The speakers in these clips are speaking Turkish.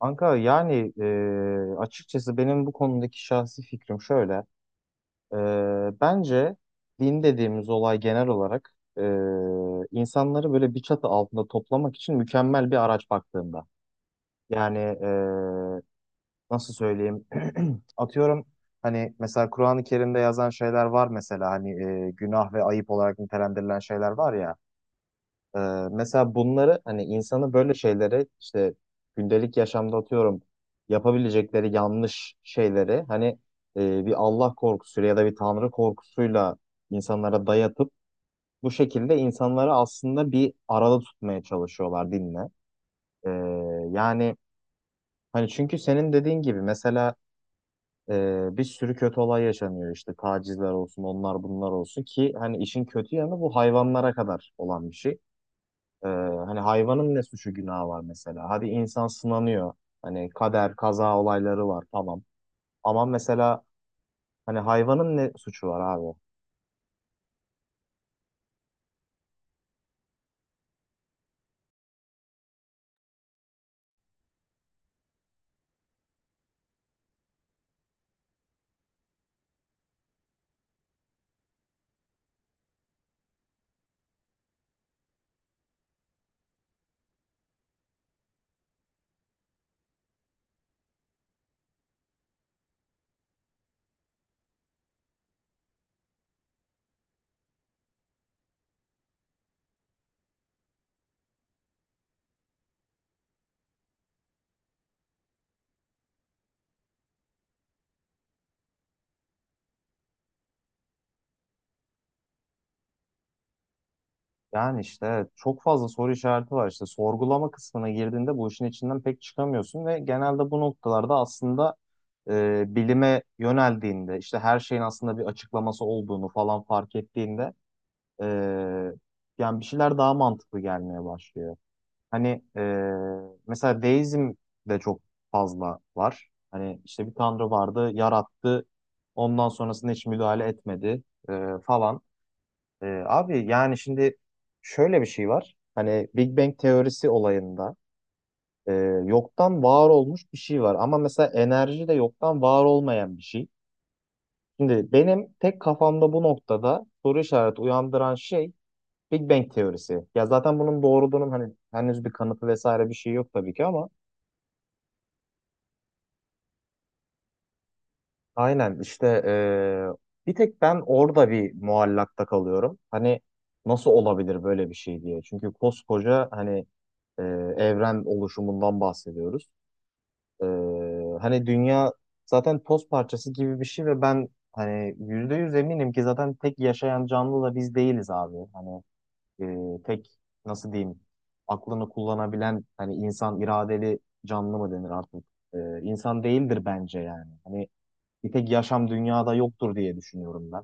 Kanka yani açıkçası benim bu konudaki şahsi fikrim şöyle. E, bence din dediğimiz olay genel olarak insanları böyle bir çatı altında toplamak için mükemmel bir araç baktığında. Yani nasıl söyleyeyim? Atıyorum, hani mesela Kur'an-ı Kerim'de yazan şeyler var, mesela hani günah ve ayıp olarak nitelendirilen şeyler var ya. Ee, mesela bunları hani insanı böyle şeylere, işte gündelik yaşamda atıyorum, yapabilecekleri yanlış şeyleri hani bir Allah korkusuyla ya da bir Tanrı korkusuyla insanlara dayatıp bu şekilde insanları aslında bir arada tutmaya çalışıyorlar dinle. Ee, yani hani, çünkü senin dediğin gibi mesela bir sürü kötü olay yaşanıyor, işte tacizler olsun, onlar bunlar olsun ki hani işin kötü yanı bu hayvanlara kadar olan bir şey. Ee, hani hayvanın ne suçu günahı var mesela? Hadi insan sınanıyor. Hani kader, kaza olayları var, tamam. Ama mesela hani hayvanın ne suçu var abi? Yani işte evet, çok fazla soru işareti var. İşte sorgulama kısmına girdiğinde bu işin içinden pek çıkamıyorsun ve genelde bu noktalarda aslında bilime yöneldiğinde, işte her şeyin aslında bir açıklaması olduğunu falan fark ettiğinde, e, yani bir şeyler daha mantıklı gelmeye başlıyor. Hani mesela deizm de çok fazla var. Hani işte bir tanrı vardı, yarattı. Ondan sonrasında hiç müdahale etmedi falan. Abi yani şimdi şöyle bir şey var. Hani Big Bang teorisi olayında yoktan var olmuş bir şey var. Ama mesela enerji de yoktan var olmayan bir şey. Şimdi benim tek kafamda bu noktada soru işareti uyandıran şey Big Bang teorisi. Ya zaten bunun doğruluğunun hani henüz bir kanıtı vesaire bir şey yok tabii ki, ama aynen işte bir tek ben orada bir muallakta kalıyorum. Hani nasıl olabilir böyle bir şey diye. Çünkü koskoca hani e, evren oluşumundan bahsediyoruz. E, hani dünya zaten toz parçası gibi bir şey ve ben hani yüzde yüz eminim ki zaten tek yaşayan canlı da biz değiliz abi. Hani tek, nasıl diyeyim, aklını kullanabilen hani insan iradeli canlı mı denir artık? E, insan değildir bence yani. Hani bir tek yaşam dünyada yoktur diye düşünüyorum ben.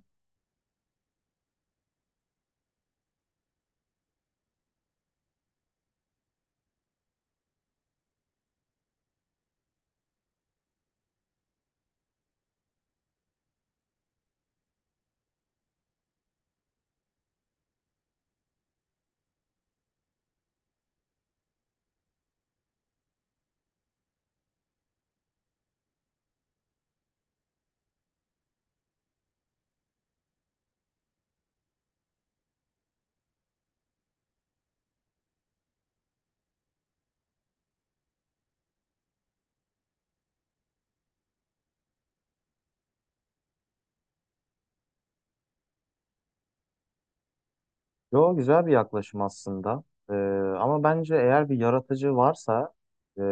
Yo, güzel bir yaklaşım aslında. Ee, ama bence eğer bir yaratıcı varsa e,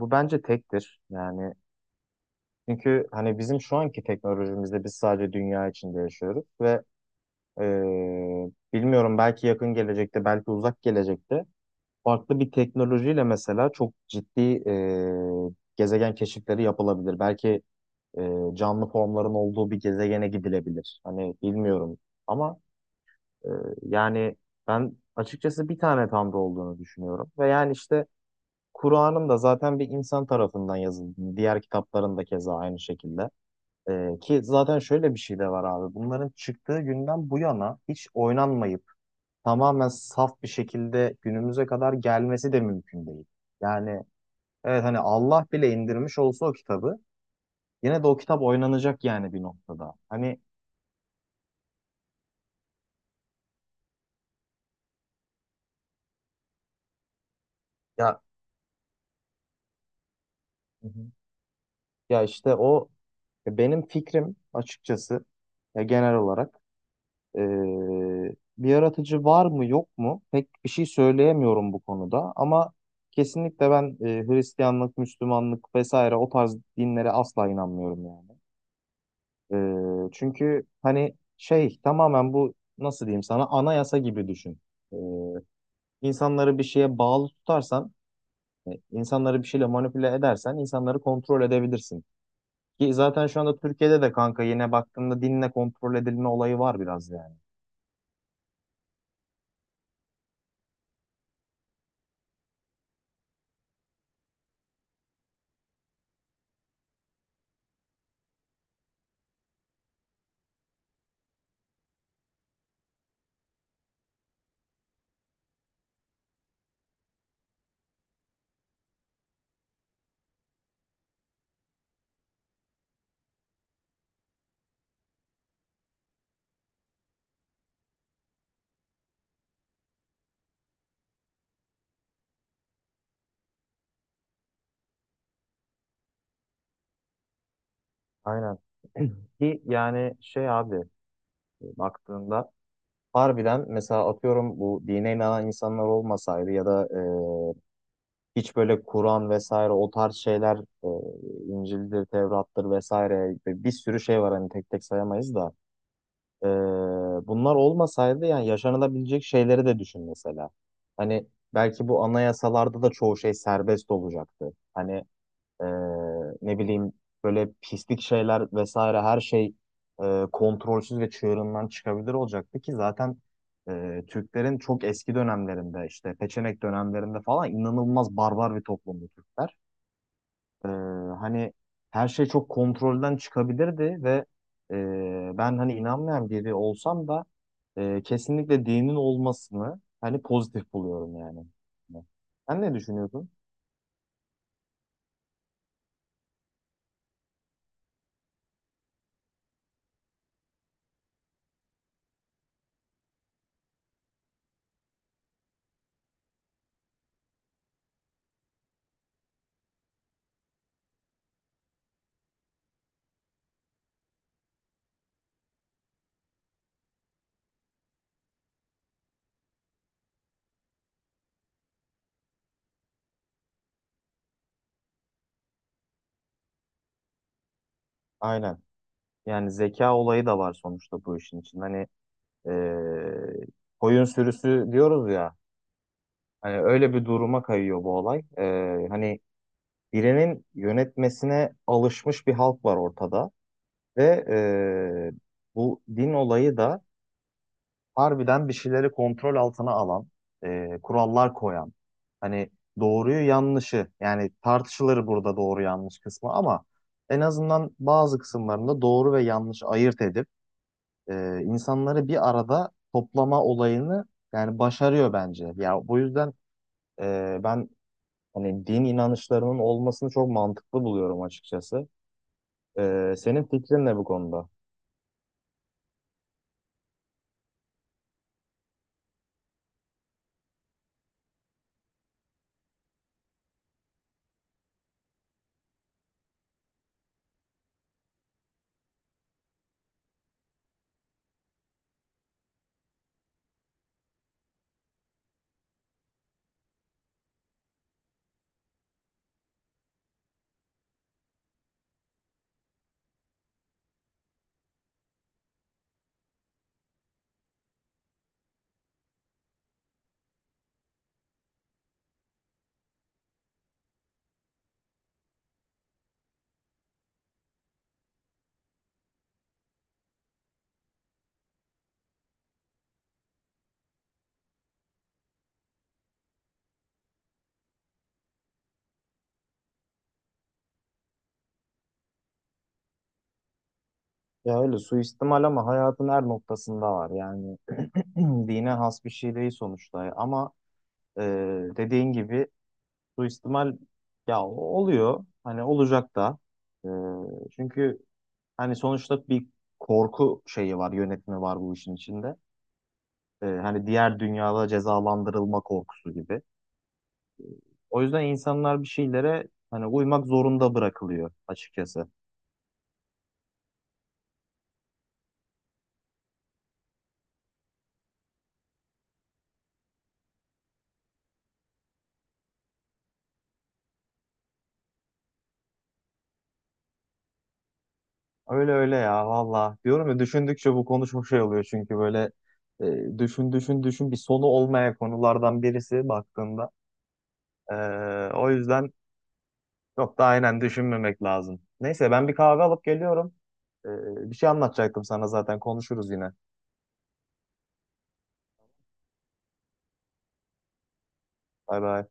bu bence tektir. Yani çünkü hani bizim şu anki teknolojimizde biz sadece dünya içinde yaşıyoruz ve e, bilmiyorum, belki yakın gelecekte belki uzak gelecekte farklı bir teknolojiyle mesela çok ciddi gezegen keşifleri yapılabilir. Belki canlı formların olduğu bir gezegene gidilebilir. Hani bilmiyorum ama, Ee, yani ben açıkçası bir tane Tanrı olduğunu düşünüyorum. Ve yani işte Kur'an'ın da zaten bir insan tarafından yazıldığını, diğer kitapların da keza aynı şekilde. Ki zaten şöyle bir şey de var abi. Bunların çıktığı günden bu yana hiç oynanmayıp tamamen saf bir şekilde günümüze kadar gelmesi de mümkün değil. Yani evet, hani Allah bile indirmiş olsa o kitabı, yine de o kitap oynanacak yani bir noktada. Hani ya, hı hı, ya işte o, ya benim fikrim açıkçası, ya genel olarak e, bir yaratıcı var mı yok mu pek bir şey söyleyemiyorum bu konuda, ama kesinlikle ben Hristiyanlık, Müslümanlık vesaire o tarz dinlere asla inanmıyorum yani. Çünkü hani şey, tamamen bu, nasıl diyeyim sana, anayasa gibi düşün. E, insanları bir şeye bağlı tutarsan, insanları bir şeyle manipüle edersen insanları kontrol edebilirsin. Ki zaten şu anda Türkiye'de de kanka yine baktığında dinle kontrol edilme olayı var biraz yani. Aynen. Ki yani şey abi, baktığında harbiden mesela atıyorum bu dine inanan insanlar olmasaydı ya da hiç böyle Kur'an vesaire o tarz şeyler, e, İncil'dir, Tevrat'tır vesaire bir sürü şey var hani, tek tek sayamayız da e, bunlar olmasaydı yani yaşanılabilecek şeyleri de düşün mesela. Hani belki bu anayasalarda da çoğu şey serbest olacaktı. Hani Ee, ne bileyim, böyle pislik şeyler vesaire her şey kontrolsüz ve çığırından çıkabilir olacaktı ki zaten Türklerin çok eski dönemlerinde, işte Peçenek dönemlerinde falan, inanılmaz barbar bir toplumdu Türkler. Ee, hani her şey çok kontrolden çıkabilirdi ve ben hani inanmayan biri olsam da kesinlikle dinin olmasını hani pozitif buluyorum yani. Sen ne düşünüyorsun? Aynen. Yani zeka olayı da var sonuçta bu işin için. Hani eee koyun sürüsü diyoruz ya. Hani öyle bir duruma kayıyor bu olay. Hani birinin yönetmesine alışmış bir halk var ortada ve bu din olayı da harbiden bir şeyleri kontrol altına alan, kurallar koyan. Hani doğruyu yanlışı, yani tartışılır burada doğru yanlış kısmı, ama en azından bazı kısımlarında doğru ve yanlış ayırt edip insanları bir arada toplama olayını yani başarıyor bence. Ya bu yüzden ben hani din inanışlarının olmasını çok mantıklı buluyorum açıkçası. Senin fikrin ne bu konuda? Ya öyle suistimal ama hayatın her noktasında var. Yani dine has bir şey değil sonuçta. Ama e, dediğin gibi suistimal ya oluyor. Hani olacak da. E, çünkü hani sonuçta bir korku şeyi var, yönetimi var bu işin içinde. Hani diğer dünyada cezalandırılma korkusu gibi. O yüzden insanlar bir şeylere hani uymak zorunda bırakılıyor açıkçası. Öyle öyle ya valla. Diyorum ya düşündükçe bu konu çok şey oluyor çünkü böyle düşün düşün düşün, bir sonu olmayan konulardan birisi baktığında. E, o yüzden çok da aynen düşünmemek lazım. Neyse, ben bir kahve alıp geliyorum. E, bir şey anlatacaktım sana zaten, konuşuruz yine. Bay bay.